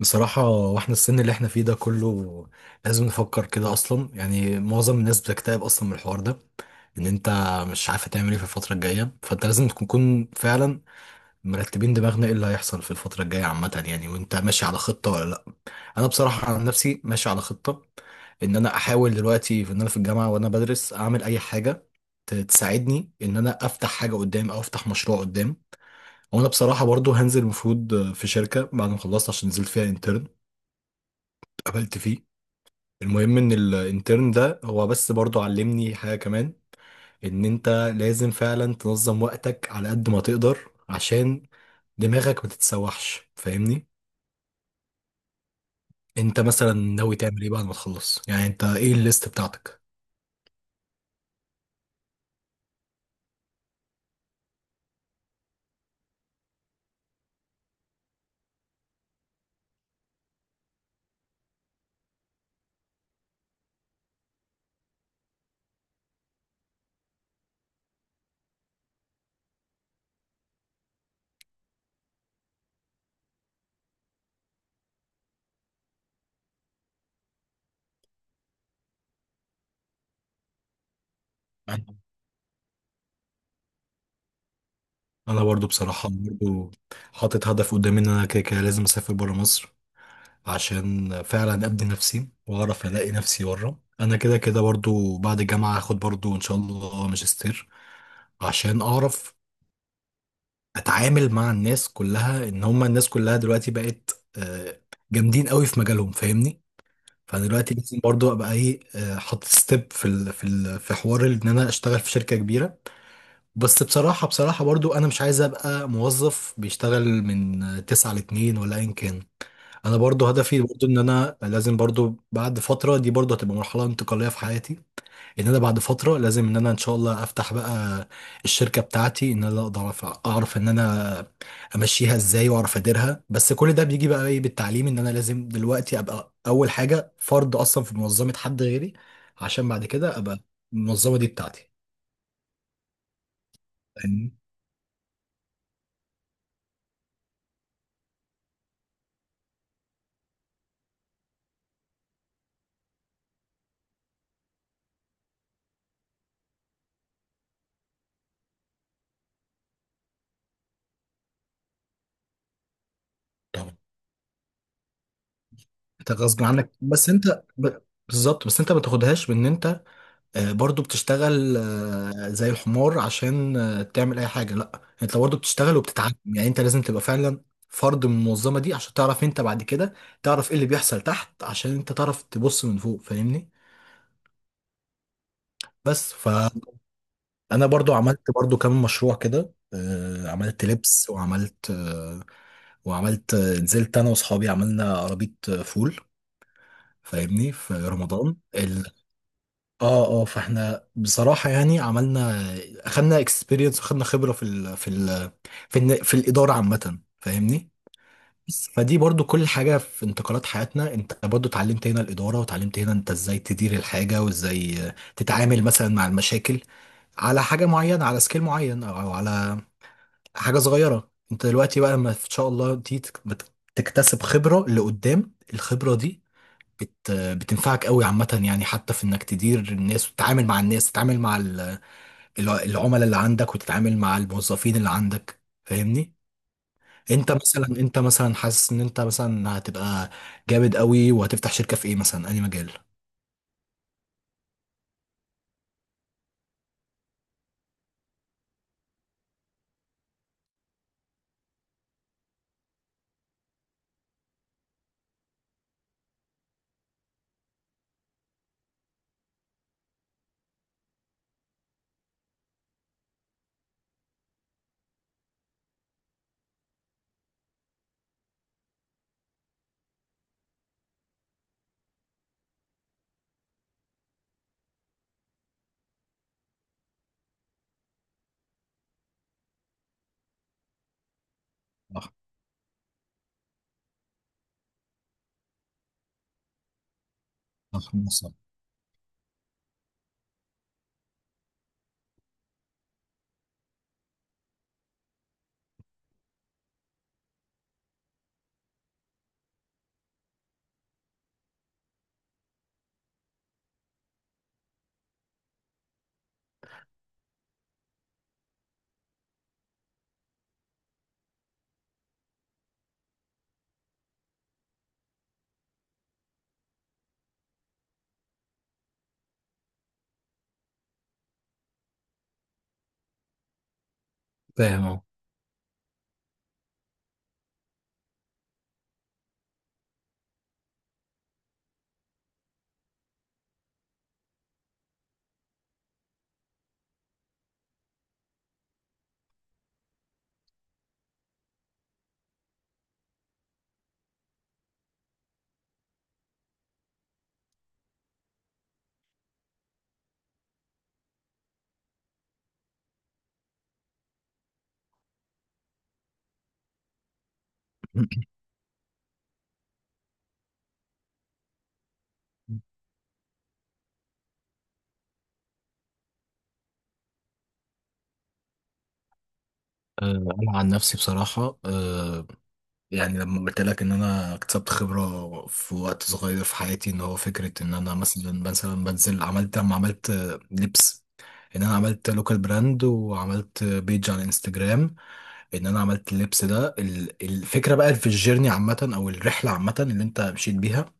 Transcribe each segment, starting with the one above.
بصراحة، واحنا السن اللي احنا فيه ده كله لازم نفكر كده اصلا. يعني معظم الناس بتكتئب اصلا من الحوار ده، ان انت مش عارف تعمل ايه في الفترة الجاية، فانت لازم تكون فعلا مرتبين دماغنا ايه اللي هيحصل في الفترة الجاية عامة، يعني وانت ماشي على خطة ولا لا. انا بصراحة عن نفسي ماشي على خطة، ان انا احاول دلوقتي في ان انا في الجامعة وانا بدرس اعمل اي حاجة تساعدني ان انا افتح حاجة قدام او افتح مشروع قدام. وانا بصراحة برضو هنزل المفروض في شركة بعد ما خلصت، عشان نزلت فيها انترن قابلت فيه. المهم ان الانترن ده هو بس برضو علمني حاجة كمان، ان انت لازم فعلا تنظم وقتك على قد ما تقدر، عشان دماغك ما تتسوحش، فاهمني؟ انت مثلا ناوي تعمل ايه بعد ما تخلص؟ يعني انت ايه الليست بتاعتك؟ انا برضو بصراحة برضو حاطط هدف قدامي، ان انا كده كده لازم اسافر برا مصر عشان فعلا ابني نفسي واعرف الاقي نفسي بره. انا كده كده برضو بعد الجامعة هاخد برضو ان شاء الله ماجستير، عشان اعرف اتعامل مع الناس كلها، ان هم الناس كلها دلوقتي بقت جامدين قوي في مجالهم، فاهمني؟ فانا دلوقتي لازم برضو ابقى ايه، حاطط ستيب في ال في ال في حوار ان انا اشتغل في شركة كبيرة. بس بصراحة برضو انا مش عايز ابقى موظف بيشتغل من تسعة لاتنين ولا ايا كان. انا برضو هدفي برضو ان انا لازم برضو بعد فترة دي برضو هتبقى مرحلة انتقالية في حياتي، ان انا بعد فتره لازم ان انا ان شاء الله افتح بقى الشركه بتاعتي، ان انا اقدر اعرف ان انا امشيها ازاي واعرف اديرها. بس كل ده بيجي بقى ايه بالتعليم، ان انا لازم دلوقتي ابقى اول حاجه فرد اصلا في منظمه حد غيري، عشان بعد كده ابقى المنظمه دي بتاعتي، فاهمني؟ طبعا. انت غصب عنك، بس انت بالظبط. بس انت ما تاخدهاش بان انت برضو بتشتغل زي الحمار عشان تعمل اي حاجه، لا. انت برضو بتشتغل وبتتعلم، يعني انت لازم تبقى فعلا فرد من المنظمه دي، عشان تعرف انت بعد كده تعرف ايه اللي بيحصل تحت، عشان انت تعرف تبص من فوق، فاهمني؟ بس فانا برضو عملت برضو كام مشروع كده. عملت لبس وعملت نزلت انا واصحابي عملنا عربيه فول، فاهمني، في رمضان. اه اه، فاحنا بصراحة يعني عملنا، اخدنا اكسبيرينس واخدنا خبرة في ال في ال في, ال في الإدارة عامة، فاهمني؟ بس فدي برضو كل حاجة في انتقالات حياتنا. انت برضو اتعلمت هنا الإدارة، وتعلمت هنا انت ازاي تدير الحاجة، وازاي تتعامل مثلا مع المشاكل على حاجة معينة، على سكيل معين، او على حاجة صغيرة. انت دلوقتي بقى لما ان شاء الله دي تكتسب خبرة لقدام، الخبرة دي بتنفعك قوي عامة، يعني حتى في انك تدير الناس وتتعامل مع الناس، تتعامل مع العملاء اللي عندك، وتتعامل مع الموظفين اللي عندك، فاهمني؟ انت مثلا انت مثلا حاسس ان انت مثلا هتبقى جامد قوي وهتفتح شركة في ايه مثلا، اي مجال؟ صح، صح. صح. فاهم اهو. انا عن نفسي بصراحه، يعني لما قلت لك ان انا اكتسبت خبره في وقت صغير في حياتي، ان هو فكره ان انا مثلا بنزل عملت، لما عملت لبس، ان انا عملت لوكال براند وعملت بيج على انستجرام، ان انا عملت اللبس ده. الفكره بقى في الجيرني عامه، او الرحله عامه اللي انت مشيت بيها،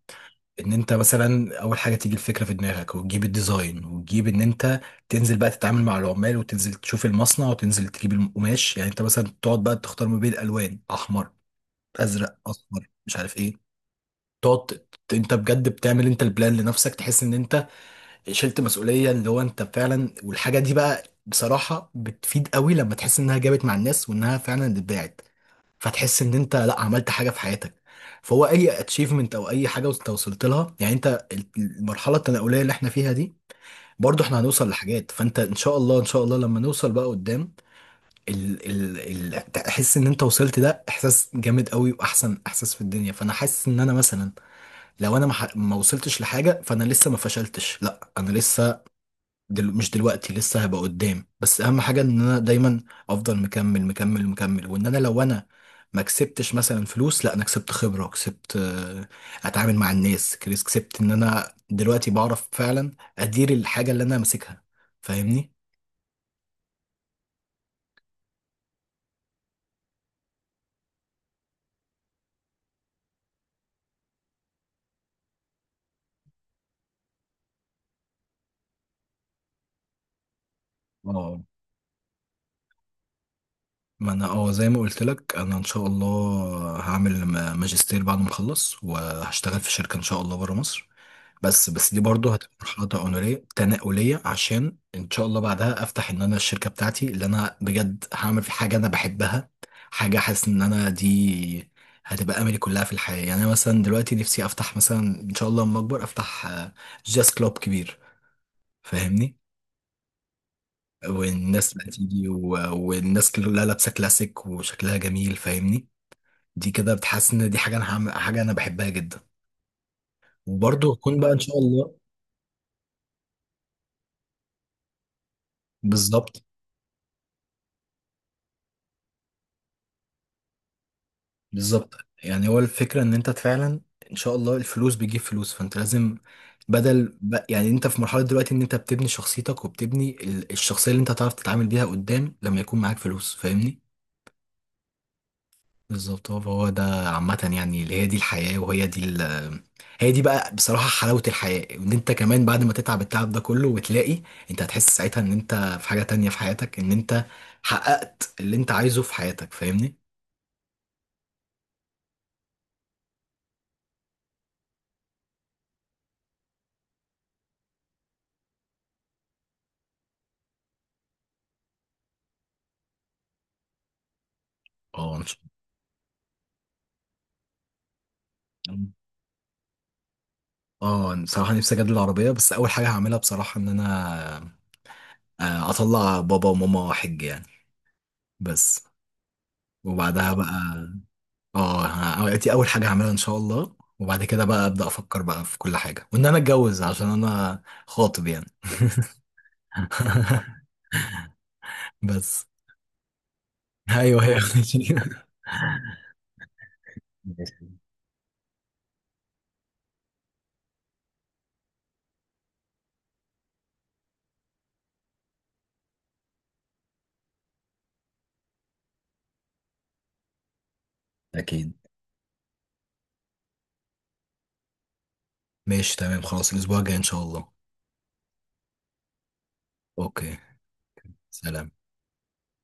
ان انت مثلا اول حاجه تيجي الفكره في دماغك، وتجيب الديزاين، وتجيب ان انت تنزل بقى تتعامل مع العمال، وتنزل تشوف المصنع، وتنزل تجيب القماش. يعني انت مثلا تقعد بقى تختار ما بين الالوان، احمر ازرق اصفر مش عارف ايه، تقعد انت بجد بتعمل انت البلان لنفسك، تحس ان انت شلت مسؤوليه. اللي هو انت فعلا، والحاجه دي بقى بصراحه بتفيد قوي لما تحس انها جابت مع الناس وانها فعلا اتباعت. فتحس ان انت لا عملت حاجه في حياتك، فهو اي اتشيفمنت او اي حاجه انت وصلت لها. يعني انت المرحله التناوليه اللي احنا فيها دي، برضو احنا هنوصل لحاجات. فانت ان شاء الله، ان شاء الله لما نوصل بقى قدام، ال ال ال تحس ان انت وصلت، ده احساس جامد قوي واحسن احساس في الدنيا. فانا حاسس ان انا مثلا لو انا ما وصلتش لحاجه، فانا لسه ما فشلتش، لا انا لسه مش دلوقتي، لسه هبقى قدام. بس اهم حاجه ان انا دايما افضل مكمل مكمل مكمل. وان انا لو انا ما كسبتش مثلا فلوس، لا انا كسبت خبره، كسبت اتعامل مع الناس، كسبت ان انا دلوقتي بعرف فعلا ادير الحاجه اللي انا ماسكها، فاهمني؟ اه ما انا اه زي ما قلت لك، انا ان شاء الله هعمل ماجستير بعد ما اخلص، وهشتغل في شركه ان شاء الله بره مصر. بس بس دي برضه هتبقى مرحله تنقليه تنقليه، عشان ان شاء الله بعدها افتح ان انا الشركه بتاعتي، اللي انا بجد هعمل في حاجه انا بحبها، حاجه حاسس ان انا دي هتبقى املي كلها في الحياه. يعني انا مثلا دلوقتي نفسي افتح مثلا ان شاء الله لما اكبر افتح جاز كلوب كبير، فاهمني؟ والناس بقى تيجي والناس كلها لابسه كلاسيك وشكلها جميل، فاهمني؟ دي كده بتحس ان دي حاجه انا هعمل حاجه انا بحبها جدا. وبرضه هكون بقى ان شاء الله. بالظبط. بالظبط. يعني هو الفكره ان انت فعلا ان شاء الله الفلوس بتجيب فلوس، فانت لازم بدل يعني انت في مرحله دلوقتي ان انت بتبني شخصيتك، وبتبني الشخصيه اللي انت هتعرف تتعامل بيها قدام لما يكون معاك فلوس، فاهمني؟ بالظبط، هو هو ده عامة يعني. اللي هي دي الحياة، وهي دي هي دي بقى بصراحة حلاوة الحياة، ان انت كمان بعد ما تتعب التعب ده كله وتلاقي، انت هتحس ساعتها ان انت في حاجة تانية في حياتك، ان انت حققت اللي انت عايزه في حياتك، فاهمني؟ اه أنا مش- اه أنا بصراحة نفسي اجدد العربية، بس اول حاجة هعملها بصراحة ان انا اطلع بابا وماما حج يعني، بس. وبعدها بقى اه دي اول حاجه هعملها ان شاء الله، وبعد كده بقى ابدا افكر بقى في كل حاجه، وان انا اتجوز عشان انا خاطب يعني. بس ايوه هي. ماشي. أكيد. ماشي، تمام، خلاص الاسبوع الجاي ان شاء الله. اوكي، سلام.